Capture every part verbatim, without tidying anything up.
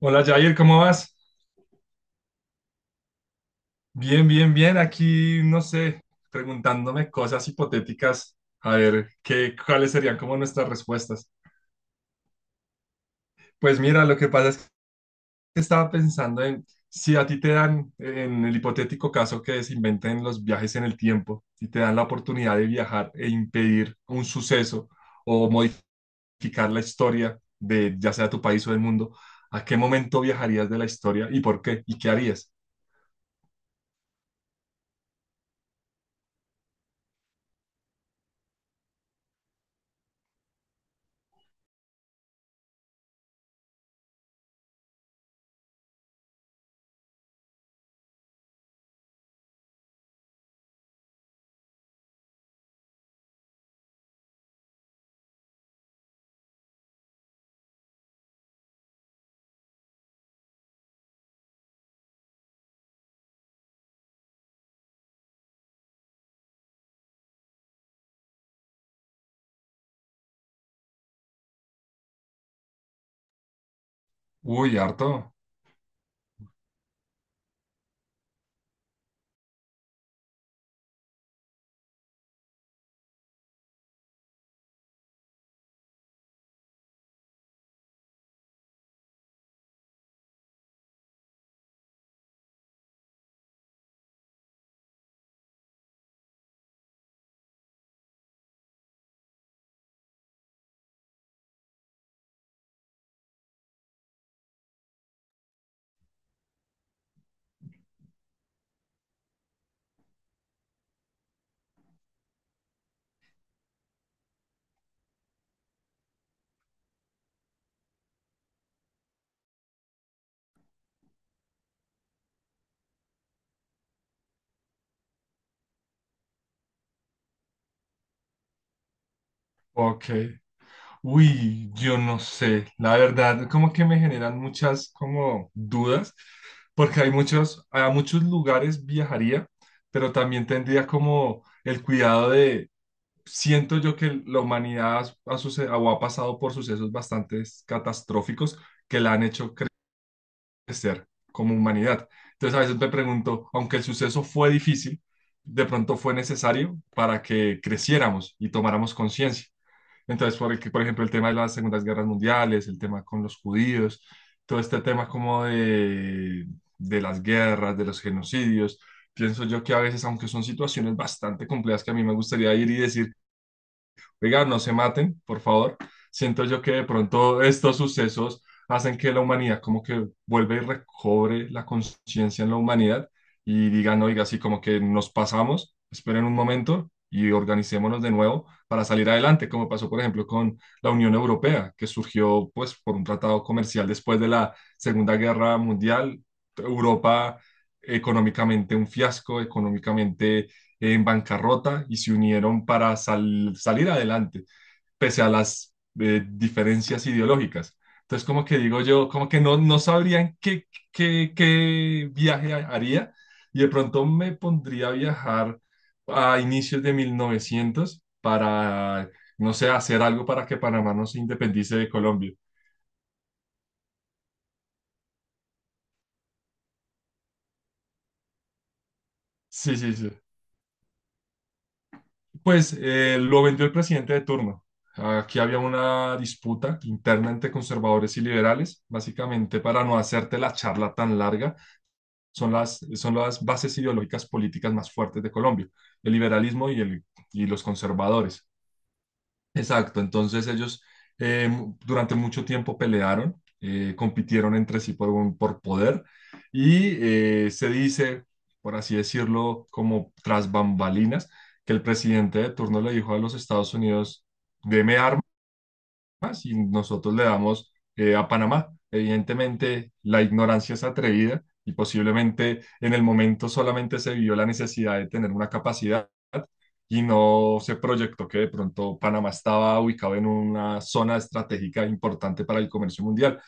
Hola Jair, ¿cómo vas? Bien, bien, bien. Aquí, no sé, preguntándome cosas hipotéticas, a ver qué, cuáles serían como nuestras respuestas. Pues mira, lo que pasa es que estaba pensando en si a ti te dan, en el hipotético caso que se inventen los viajes en el tiempo y te dan la oportunidad de viajar e impedir un suceso o modificar la historia de ya sea tu país o del mundo, ¿a qué momento viajarías de la historia y por qué? ¿Y qué harías? Uy, harto. Ok. Uy, yo no sé, la verdad, como que me generan muchas como dudas, porque hay muchos, a muchos lugares viajaría, pero también tendría como el cuidado de, siento yo que la humanidad ha, suce- o ha pasado por sucesos bastante catastróficos que la han hecho crecer como humanidad. Entonces a veces me pregunto, aunque el suceso fue difícil, de pronto fue necesario para que creciéramos y tomáramos conciencia. Entonces, por, el que- por ejemplo, el tema de las Segundas Guerras Mundiales, el tema con los judíos, todo este tema como de, de las guerras, de los genocidios, pienso yo que a veces, aunque son situaciones bastante complejas que a mí me gustaría ir y decir, oiga, no se maten, por favor. Siento yo que de pronto estos sucesos hacen que la humanidad como que vuelva y recobre la conciencia en la humanidad y digan, oiga, así como que nos pasamos, esperen un momento y organicémonos de nuevo para salir adelante, como pasó, por ejemplo, con la Unión Europea, que surgió pues por un tratado comercial después de la Segunda Guerra Mundial. Europa económicamente un fiasco, económicamente en bancarrota y se unieron para sal- salir adelante, pese a las eh, diferencias ideológicas. Entonces, como que digo yo, como que no, no sabrían qué, qué, qué viaje ha- haría y de pronto me pondría a viajar a inicios de mil novecientos para, no sé, hacer algo para que Panamá no se independice de Colombia. Sí, sí, sí. Pues eh, lo vendió el presidente de turno. Aquí había una disputa interna entre conservadores y liberales, básicamente para no hacerte la charla tan larga, son las, son las bases ideológicas políticas más fuertes de Colombia, el liberalismo y, el, y los conservadores. Exacto, entonces ellos eh, durante mucho tiempo pelearon, eh, compitieron entre sí por, un- por poder y eh, se dice, por así decirlo, como tras bambalinas, que el presidente de turno le dijo a los Estados Unidos, deme más y nosotros le damos eh, a Panamá. Evidentemente, la ignorancia es atrevida y posiblemente en el momento solamente se vio la necesidad de tener una capacidad y no se proyectó que de pronto Panamá estaba ubicado en una zona estratégica importante para el comercio mundial.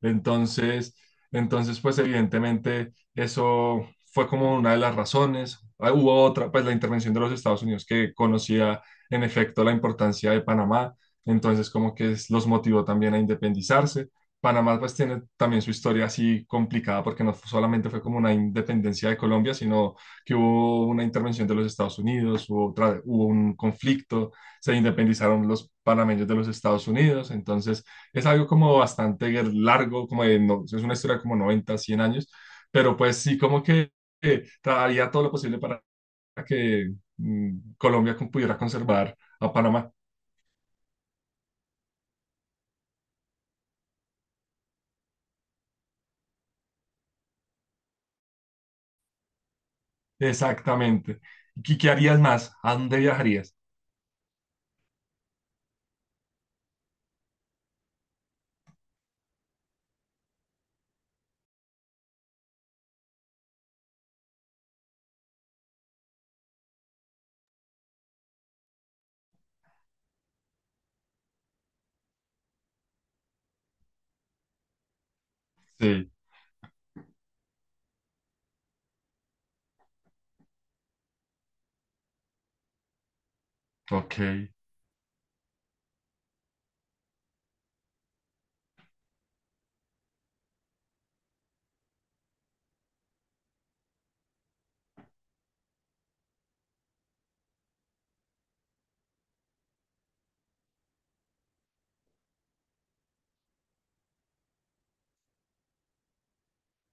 Entonces, entonces pues evidentemente eso fue como una de las razones. Ah, hubo otra, pues la intervención de los Estados Unidos que conocía en efecto la importancia de Panamá entonces, como que es- los motivó también a independizarse. Panamá pues tiene también su historia así complicada porque no solamente fue como una independencia de Colombia, sino que hubo una intervención de los Estados Unidos, hubo otra, hubo un conflicto, se independizaron los panameños de los Estados Unidos, entonces es algo como bastante largo, como de no- es una historia como noventa cien años, pero pues sí como que eh, haría todo lo posible para que mm, Colombia pudiera conservar a Panamá. Exactamente. ¿Y qué harías más? ¿A dónde viajarías? Sí, ok,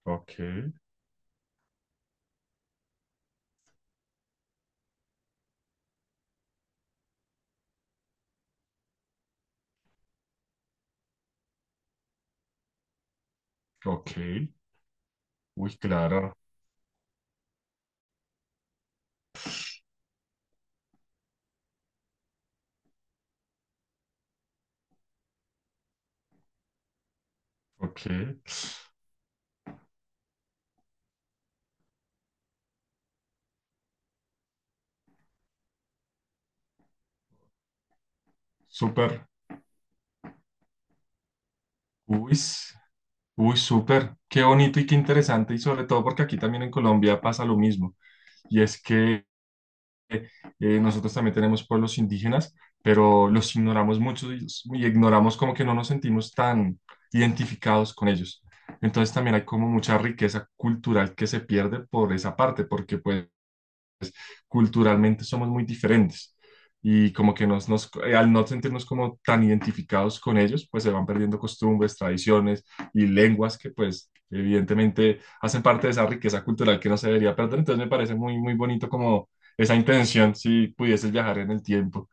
ok, ok. Uy, claro, ok. Súper. Uy, s- uy, súper. Qué bonito y qué interesante. Y sobre todo porque aquí también en Colombia pasa lo mismo. Y es que eh, nosotros también tenemos pueblos indígenas, pero los ignoramos mucho y, y ignoramos como que no nos sentimos tan identificados con ellos. Entonces también hay como mucha riqueza cultural que se pierde por esa parte, porque pues pues, culturalmente somos muy diferentes y como que nos, nos, eh, al no sentirnos como tan identificados con ellos, pues se van perdiendo costumbres, tradiciones y lenguas que pues evidentemente hacen parte de esa riqueza cultural que no se debería perder. Entonces me parece muy, muy bonito como esa intención, si pudieses viajar en el tiempo.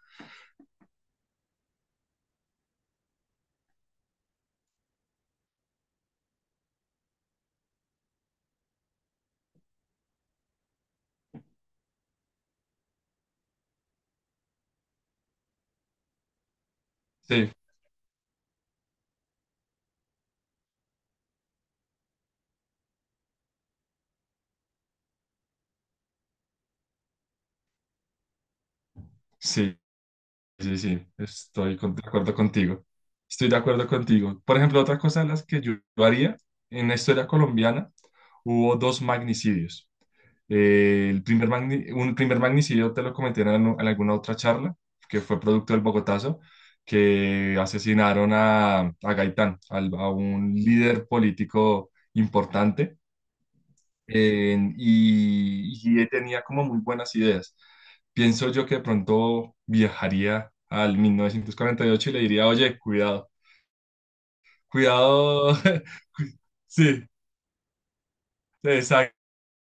Sí, sí, sí, sí, estoy con- de acuerdo contigo. Estoy de acuerdo contigo. Por ejemplo, otra cosa de las que yo haría en la historia colombiana, hubo dos magnicidios. Eh, el primer magni- un primer magnicidio te lo comenté en, en alguna otra charla, que fue producto del Bogotazo, que asesinaron a, a Gaitán, al- a un líder político importante, eh, y, y él tenía como muy buenas ideas. Pienso yo que de pronto viajaría al mil novecientos cuarenta y ocho y ocho y le diría, oye, cuidado, cuidado. Sí, exacto.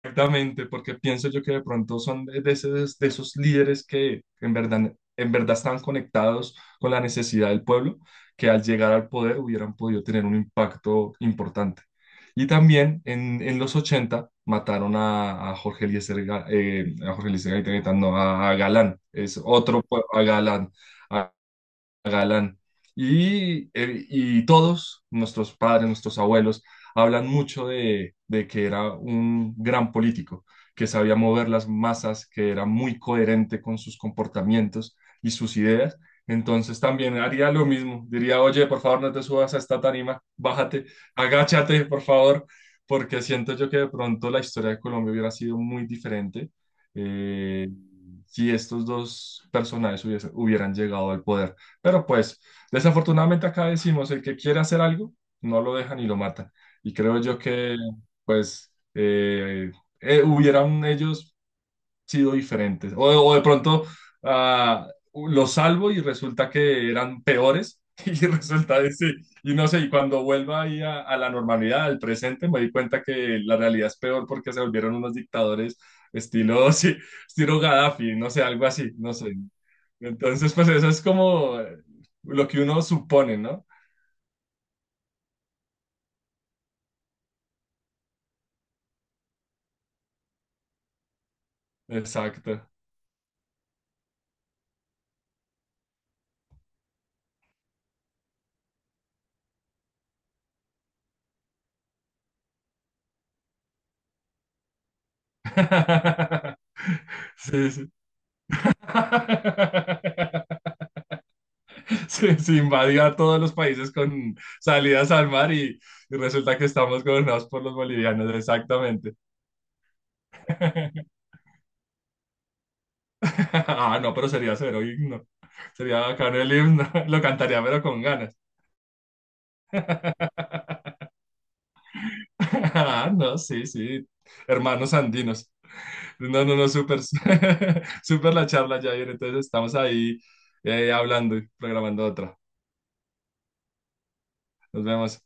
Exactamente, porque pienso yo que de pronto son de, de ese- de esos líderes que en verdad, en verdad están conectados con la necesidad del pueblo, que al llegar al poder hubieran podido tener un impacto importante. Y también en, en los ochenta mataron a, a Jorge Eliezer, Ga- eh, a Jorge Eliezer Gaitán, no, a, a Galán, es otro pue- a Galán, Galán. Y, eh, y todos, nuestros padres, nuestros abuelos, hablan mucho de, de que era un gran político, que sabía mover las masas, que era muy coherente con sus comportamientos y sus ideas. Entonces también haría lo mismo. Diría, oye, por favor, no te subas a esta tarima, bájate, agáchate, por favor, porque siento yo que de pronto la historia de Colombia hubiera sido muy diferente eh, si estos dos personajes hubiese- hubieran llegado al poder. Pero pues, desafortunadamente acá decimos, el que quiere hacer algo, no lo dejan y lo matan. Y creo yo que, pues, eh, eh, hubieran ellos sido diferentes. O, o de pronto ah, los salvo y resulta que eran peores y resulta de sí. Y no sé, y cuando vuelva ahí a, a la normalidad, al presente, me di cuenta que la realidad es peor porque se volvieron unos dictadores estilo, sí, estilo Gaddafi, no sé, algo así, no sé. Entonces, pues eso es como lo que uno supone, ¿no? Exacto. Sí, sí. se, se invadió a todos los países con salidas al mar y, y resulta que estamos gobernados por los bolivianos, exactamente. Ah, no, pero sería cero himno. Sería bacano el himno. Lo cantaría, pero con ganas. Ah, no, sí, sí. Hermanos andinos. No, no, no, súper, súper la charla, Jair. Entonces estamos ahí eh, hablando y programando otra. Nos vemos.